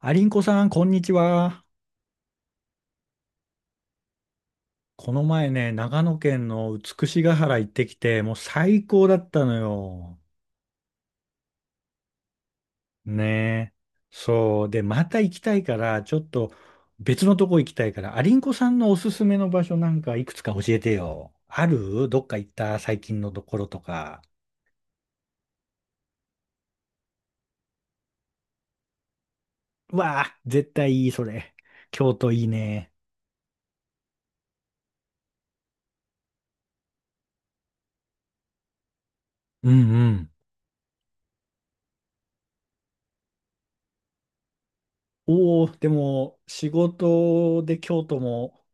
アリンコさん、こんにちは。この前ね、長野県の美しが原行ってきて、もう最高だったのよ。ねえ。そう。で、また行きたいから、ちょっと別のとこ行きたいから、アリンコさんのおすすめの場所なんかいくつか教えてよ。あるどっか行った最近のところとか。うわあ、絶対いい、それ。京都いいね。うんうん。おお、でも、仕事で京都も、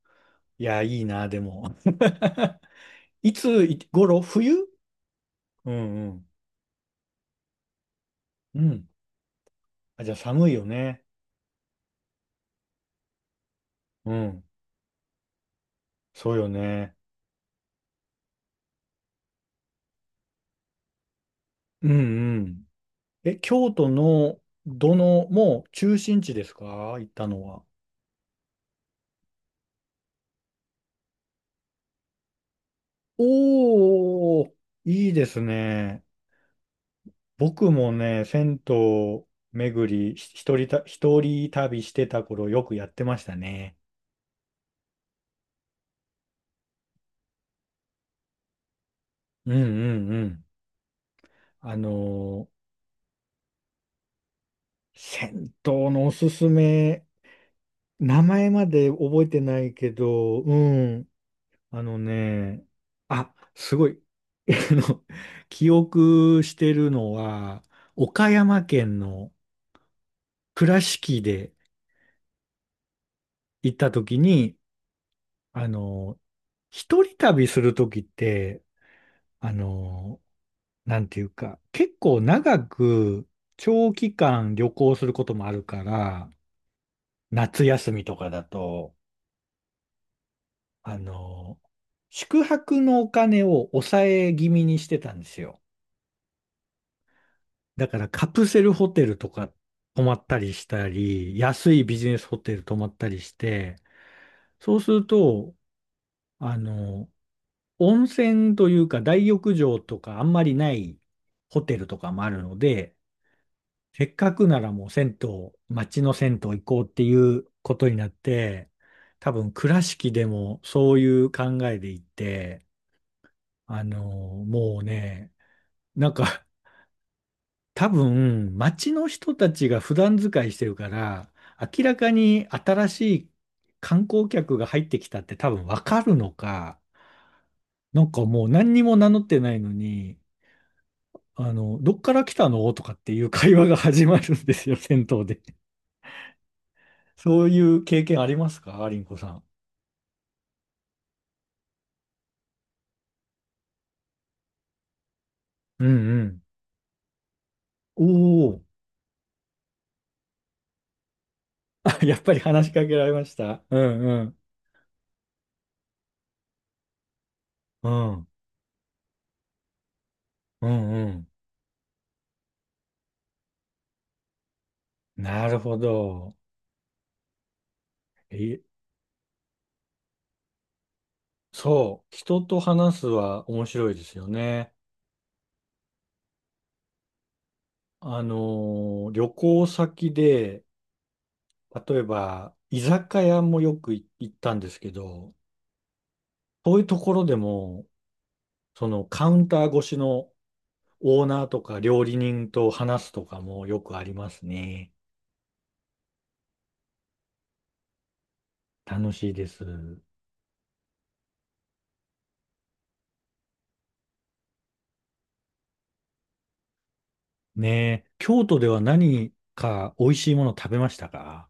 いや、いいな、でも。いつ頃、冬。うんうん。うん。あ、じゃあ寒いよね。うん。そうよね。うんうん。え、京都のもう中心地ですか、行ったのは。おー、いいですね。僕もね、銭湯巡り、ひ一人た、一人旅してた頃よくやってましたね。うんうんうん。あのー銭湯のおすすめ、名前まで覚えてないけど、うん、あのね、あ、すごい。あの、記憶してるのは、岡山県の倉敷で行った時に、あの、一人旅する時って、あの、なんていうか、結構長く長期間旅行することもあるから、夏休みとかだと、あの、宿泊のお金を抑え気味にしてたんですよ。だからカプセルホテルとか泊まったりしたり、安いビジネスホテル泊まったりして、そうすると、あの、温泉というか大浴場とかあんまりないホテルとかもあるので、せっかくならもう銭湯、街の銭湯行こうっていうことになって、多分倉敷でもそういう考えで行って、もうね、なんか多分、街の人たちが普段使いしてるから、明らかに新しい観光客が入ってきたって多分わかるのか、なんかもう何にも名乗ってないのに、どっから来たのとかっていう会話が始まるんですよ、銭湯で。そういう経験ありますか、アリンコさん。うんうん。おお、あ、やっぱり話しかけられました。うんうん。うん。うんうん。なるほど。え、そう、人と話すは面白いですよね。あの旅行先で、例えば居酒屋もよく行ったんですけど、そういうところでも、そのカウンター越しのオーナーとか料理人と話すとかもよくありますね。楽しいです。ねえ、京都では何か美味しいもの食べましたか。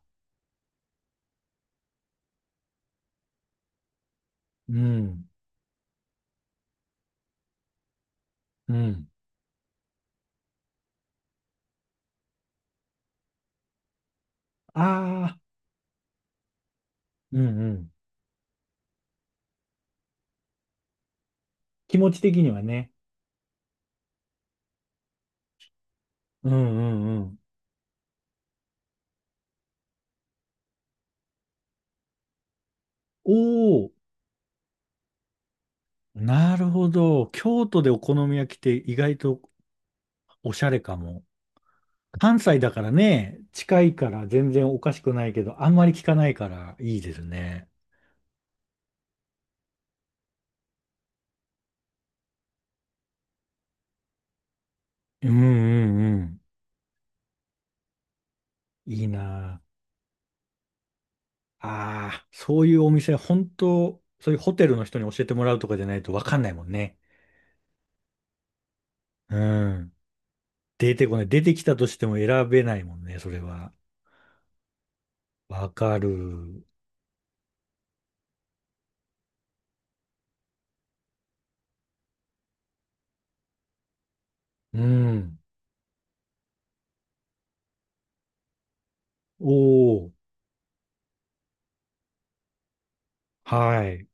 うん、うん。ああ、うんうん。気持ち的にはね。うんうんうん。お、なるほど。京都でお好み焼きって意外とおしゃれかも。関西だからね、近いから全然おかしくないけど、あんまり聞かないからいいですね。うんうんうん。いいなあ。ああ、そういうお店、本当、そういうホテルの人に教えてもらうとかじゃないとわかんないもんね。うん。出てこない。出てきたとしても選べないもんね、それは。わかる。うん。おー。はい。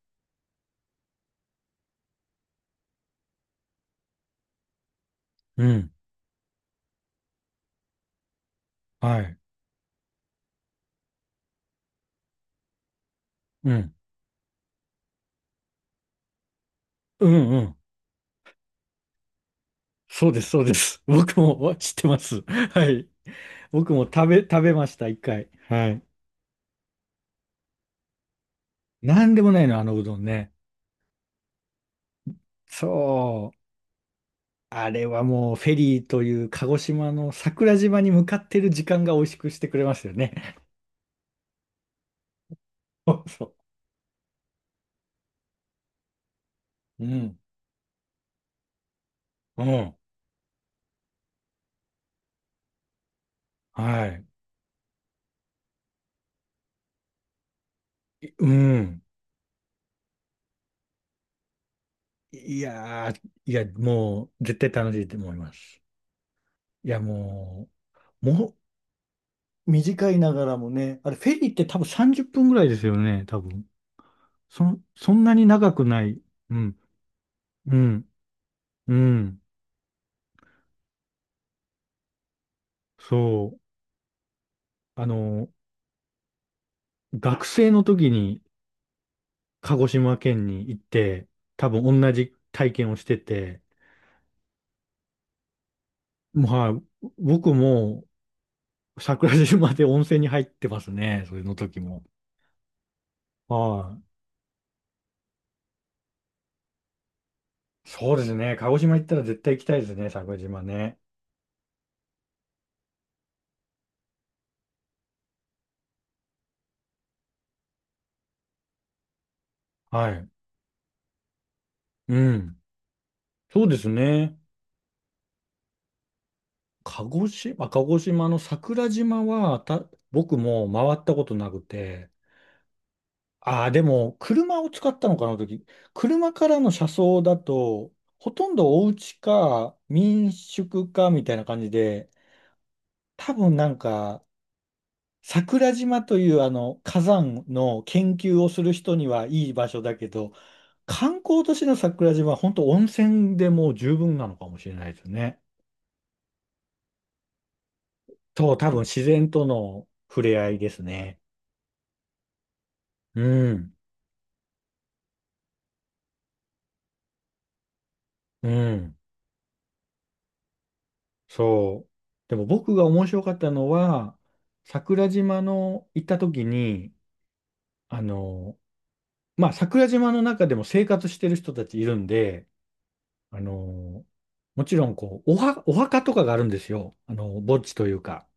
うん。はい。うん。うんうん。そうです、そうです。僕も知ってます。はい。僕も食べました、一回。はい。なんでもないの、あのうどんね。そう。あれはもうフェリーという鹿児島の桜島に向かってる時間が美味しくしてくれましたよね。そうそう。うん。うん。はい。いうん。いやー、いや、もう絶対楽しいと思います。いや、もう短いながらもね、あれフェリーって多分30分ぐらいですよね、多分。そ、そんなに長くない。うん、うん、うん。そう。あの、学生の時に鹿児島県に行って、多分同じ体験をしてて、まあ、はい、僕も桜島で温泉に入ってますね。それの時も。はい。そうですね。鹿児島行ったら絶対行きたいですね。桜島ね。はい。うん。そうですね。鹿児島の桜島は僕も回ったことなくて、ああ、でも、車を使ったのかな、あの時。車からの車窓だと、ほとんどお家か民宿かみたいな感じで、多分なんか、桜島というあの火山の研究をする人にはいい場所だけど、観光都市の桜島は本当温泉でもう十分なのかもしれないですね。そう、多分自然との触れ合いですね。うん、うん。そう。でも僕が面白かったのは、桜島の行った時に、あの、まあ、桜島の中でも生活してる人たちいるんで、あの、もちろん、こう、お墓とかがあるんですよ。あの、墓地というか。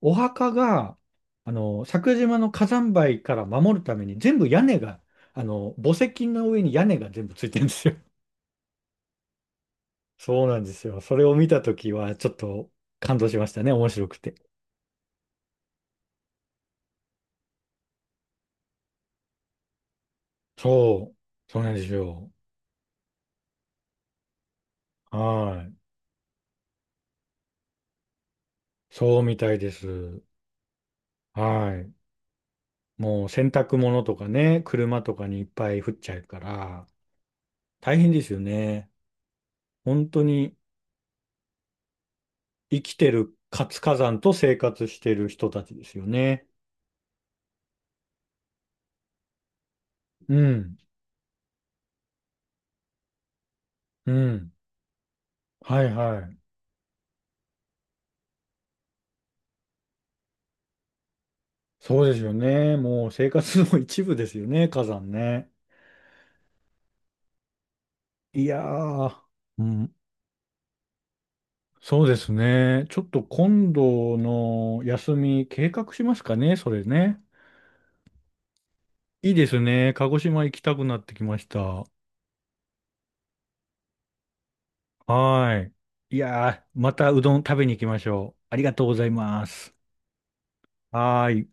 お墓が、桜島の火山灰から守るために全部屋根が、墓石の上に屋根が全部ついてるんですよ。そうなんですよ。それを見た時は、ちょっと感動しましたね。面白くて。そう。そうなんですよ。はい。そうみたいです。はい。もう洗濯物とかね、車とかにいっぱい降っちゃうから、大変ですよね。本当に生きてる活火山と生活してる人たちですよね。うん。うん。はいはい。そうですよね。もう生活の一部ですよね、火山ね。いやー、うん。そうですね。ちょっと今度の休み計画しますかね、それね。いいですね。鹿児島行きたくなってきました。はーい。いやー、またうどん食べに行きましょう。ありがとうございます。はーい。